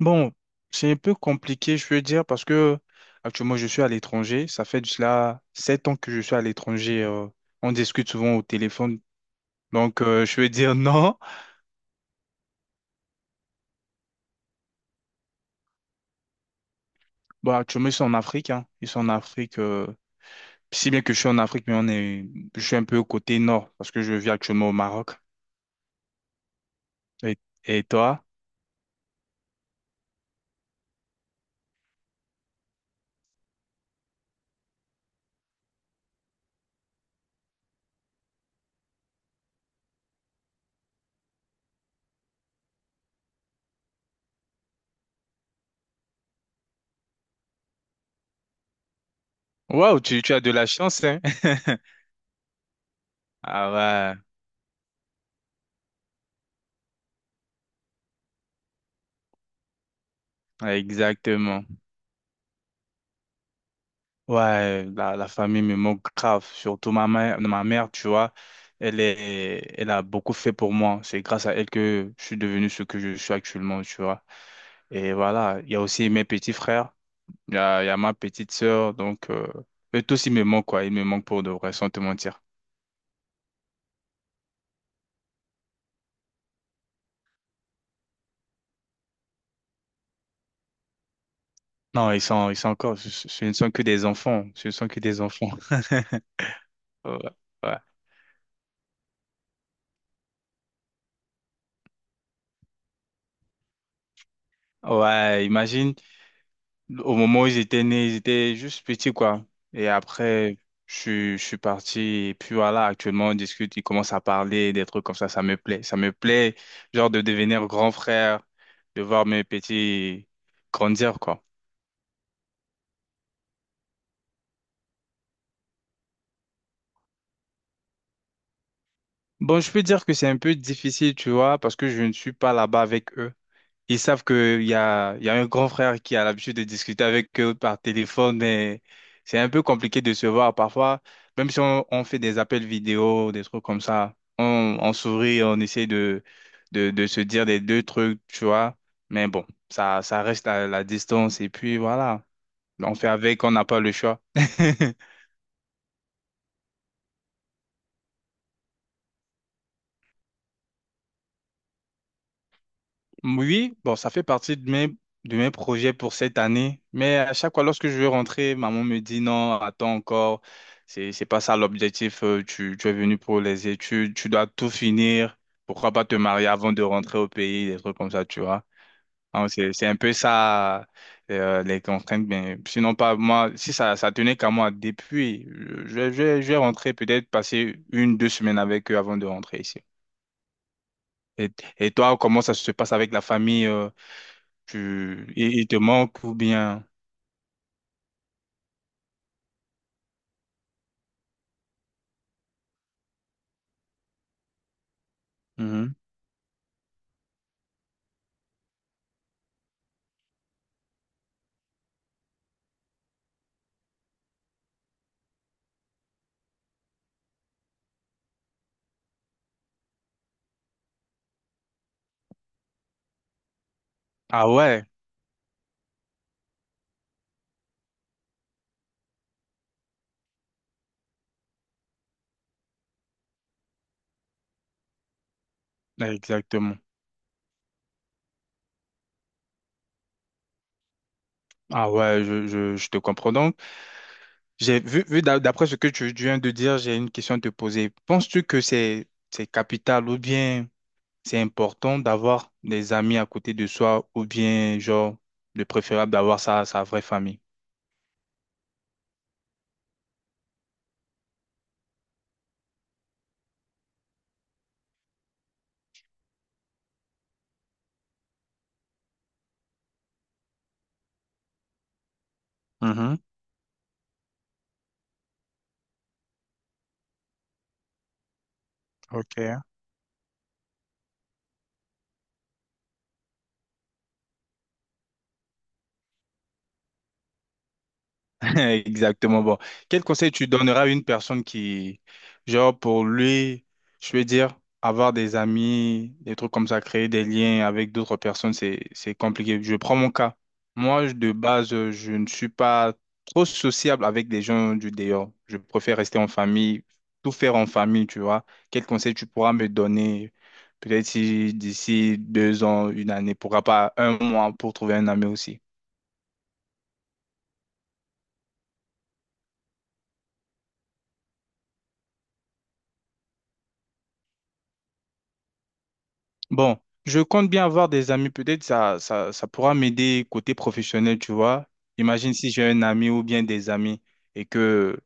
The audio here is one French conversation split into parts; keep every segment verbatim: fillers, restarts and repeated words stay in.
Bon, c'est un peu compliqué, je veux dire, parce que actuellement, je suis à l'étranger. Ça fait de cela sept ans que je suis à l'étranger. Euh, on discute souvent au téléphone. Donc, euh, je veux dire non. Bon, actuellement, ils sont en Afrique. Hein. Ils sont en Afrique. Euh, si bien que je suis en Afrique, mais on est, je suis un peu au côté nord parce que je vis actuellement au Maroc. Et, et toi? Waouh, tu, tu as de la chance, hein? Ah ouais, exactement. Ouais, la, la famille me manque grave, surtout ma mère, ma mère, tu vois, elle est, elle a beaucoup fait pour moi. C'est grâce à elle que je suis devenu ce que je suis actuellement, tu vois. Et voilà, il y a aussi mes petits frères, il y a, il y a ma petite sœur, donc euh, eux tous ils me manquent quoi, ils me manquent pour de vrai, sans te mentir. Non, ils sont, ils sont encore, ce, ce- ce ne sont que des enfants, ce ne sont que des enfants. Ouais, ouais, ouais, imagine. Au moment où ils étaient nés, ils étaient juste petits, quoi. Et après, je, suis- je suis parti. Et puis voilà, actuellement, on discute, ils commencent à parler, des trucs comme ça. Ça me plaît. Ça me plaît, genre, de devenir grand frère, de voir mes petits grandir, quoi. Bon, je peux dire que c'est un peu difficile, tu vois, parce que je ne suis pas là-bas avec eux. Ils savent qu'il y a, il y a un grand frère qui a l'habitude de discuter avec eux par téléphone et c'est un peu compliqué de se voir parfois, même si on, on fait des appels vidéo, des trucs comme ça, on, on sourit, on essaie de, de, de se dire des deux trucs, tu vois, mais bon, ça, ça reste à la distance et puis voilà, on fait avec, on n'a pas le choix. Oui, bon, ça fait partie de mes, de mes projets pour cette année. Mais à chaque fois, lorsque je veux rentrer, maman me dit non, attends encore. C'est, c'est pas ça l'objectif. euh, Tu, tu es venu pour les études, tu dois tout finir. Pourquoi pas te marier avant de rentrer au pays, des trucs comme ça, tu vois. Hein, c'est, c'est un peu ça, euh, les contraintes. Mais sinon, pas moi, si ça, ça tenait qu'à moi, depuis, je, je, je je vais rentrer peut-être passer une, deux semaines avec eux avant de rentrer ici. Et, et toi, comment ça se passe avec la famille? euh, tu, il, il te manque ou bien. Mhm. Ah ouais, exactement. Ah ouais, je, je, je te comprends. Donc, j'ai vu, vu d'a- d'après ce que tu viens de dire, j'ai une question à te poser. Penses-tu que c'est, c'est capital ou bien c'est important d'avoir des amis à côté de soi ou bien, genre, le préférable d'avoir sa, sa vraie famille? Mhm. Ok. Exactement. Bon, quel conseil tu donneras à une personne qui, genre, pour lui, je veux dire, avoir des amis, des trucs comme ça, créer des liens avec d'autres personnes, c'est, c'est compliqué. Je prends mon cas. Moi, je- de base, euh, je ne suis pas trop sociable avec des gens du dehors. Je préfère rester en famille, tout faire en famille, tu vois. Quel conseil tu pourras me donner, peut-être si d'ici deux ans, une année, pourquoi pas un mois pour trouver un ami aussi? Bon, je compte bien avoir des amis. Peut-être ça, ça, ça pourra m'aider côté professionnel, tu vois. Imagine si j'ai un ami ou bien des amis et que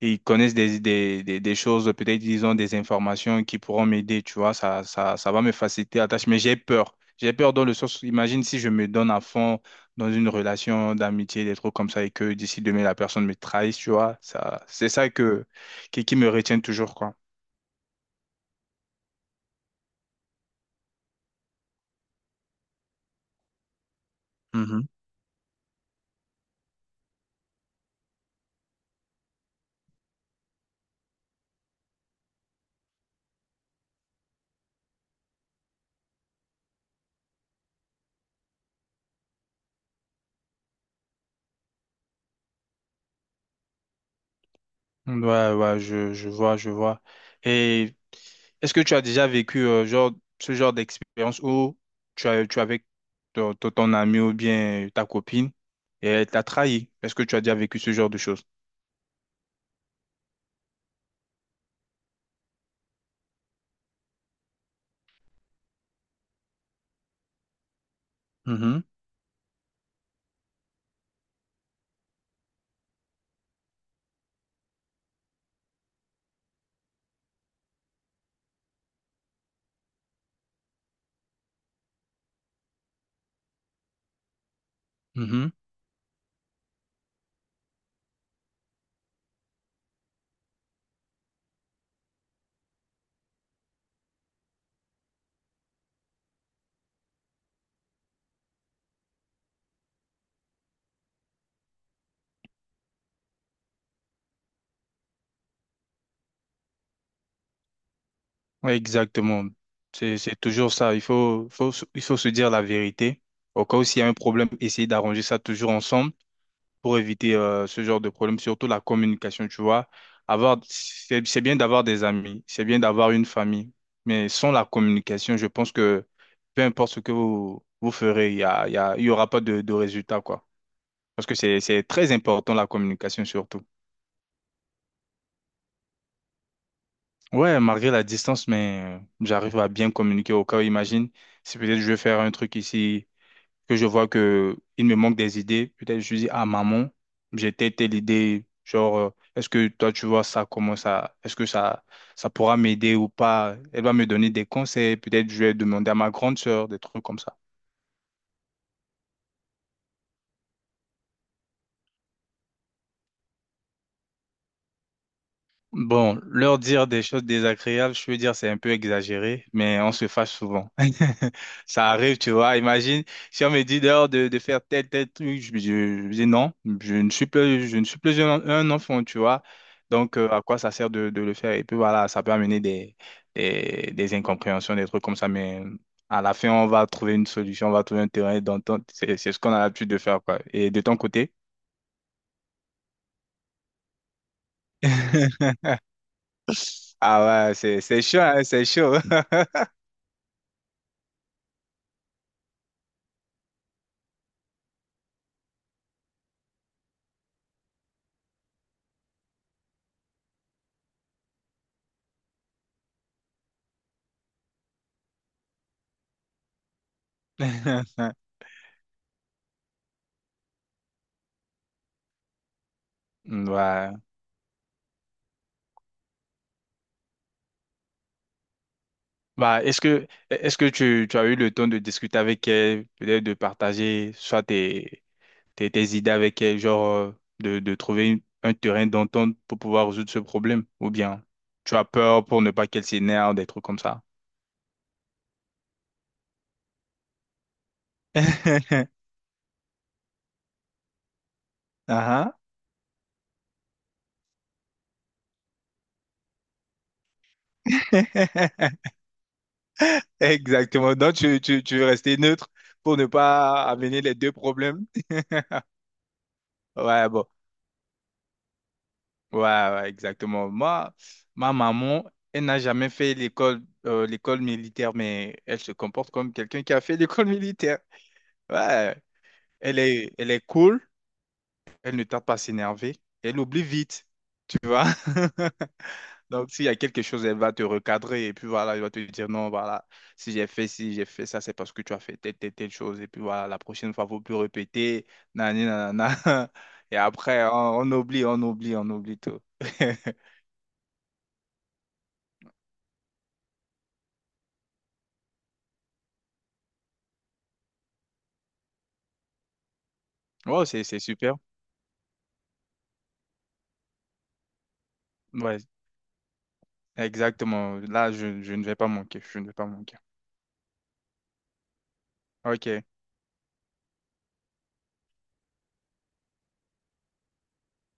ils connaissent des, des, des, des choses, peut-être ils ont des informations qui pourront m'aider, tu vois. Ça, ça, ça va me faciliter la tâche. Mais j'ai peur. J'ai peur dans le sens, où imagine si je me donne à fond dans une relation d'amitié, des trucs comme ça, et que d'ici demain, la personne me trahisse, tu vois. Ça, c'est ça que, qui, qui me retient toujours, quoi. Ouais, ouais, je, je vois, je vois. Et est-ce que tu as déjà vécu euh, genre, ce genre d'expérience où tu as, tu es avec ton, ton ton ami ou bien ta copine et elle t'a trahi? Est-ce que tu as déjà vécu ce genre de choses? Mhm, mhm. Ouais, exactement. C'est, c'est toujours ça. Il faut, faut, se- il faut se dire la vérité. Au cas où s'il y a un problème, essayer d'arranger ça toujours ensemble. Pour éviter euh, ce genre de problème, surtout la communication, tu vois. Avoir, c'est, c'est bien d'avoir des amis, c'est bien d'avoir une famille, mais sans la communication, je pense que peu importe ce que vous, vous ferez, il y a, il y a- il y aura pas de, de résultat, quoi. Parce que c'est, c'est très important, la communication, surtout. Ouais, malgré la distance, mais euh, j'arrive à bien communiquer au cas où, imagine, si peut-être je vais faire un truc ici que je vois que il me manque des idées, peut-être je dis, ah maman, j'ai telle telle idée, genre, euh, est-ce que toi tu vois ça, comment ça, est-ce que ça, ça pourra m'aider ou pas? Elle va me donner des conseils, peut-être je vais demander à ma grande sœur, des trucs comme ça. Bon, leur dire des choses désagréables, je veux dire, c'est un peu exagéré, mais on se fâche souvent. Ça arrive, tu vois. Imagine, si on me dit dehors de, de faire tel, tel truc, je, je- je dis non, je ne suis plus, je ne suis plus un, un enfant, tu vois. Donc, euh, à quoi ça sert de, de le faire? Et puis voilà, ça peut amener des, des, des incompréhensions, des trucs comme ça, mais à la fin, on va trouver une solution, on va trouver un terrain d'entente. C'est, c'est ce qu'on a l'habitude de faire, quoi. Et de ton côté? Ah ouais, c'est, c'est chaud, hein, c'est chaud. Ouais. Bah, est-ce que est-ce que tu, tu as eu le temps de discuter avec elle, peut-être de partager soit tes, tes, tes idées avec elle, genre euh, de, de trouver une- un terrain d'entente pour pouvoir résoudre ce problème, ou bien tu as peur pour ne pas qu'elle s'énerve, des trucs comme ça. Ah ah. Exactement. Donc tu, tu, tu veux rester neutre pour ne pas amener les deux problèmes. Ouais, bon. Ouais, ouais, exactement. Moi, ma maman, elle n'a jamais fait l'école euh, l'école militaire, mais elle se comporte comme quelqu'un qui a fait l'école militaire. Ouais, elle est, elle est cool, elle ne tarde pas à s'énerver, elle oublie vite, tu vois. Donc, s'il y a quelque chose, elle va te recadrer et puis voilà, elle va te dire non, voilà, si j'ai fait si j'ai fait ça, c'est parce que tu as fait telle, telle, telle chose. Et puis voilà, la prochaine fois, il ne faut plus répéter, nani, nanana. Et après, on on oublie, on oublie, on oublie tout. Oh, c'est c'est super. Ouais, exactement. Là, je, je ne vais pas manquer. Je ne vais pas manquer. Ok.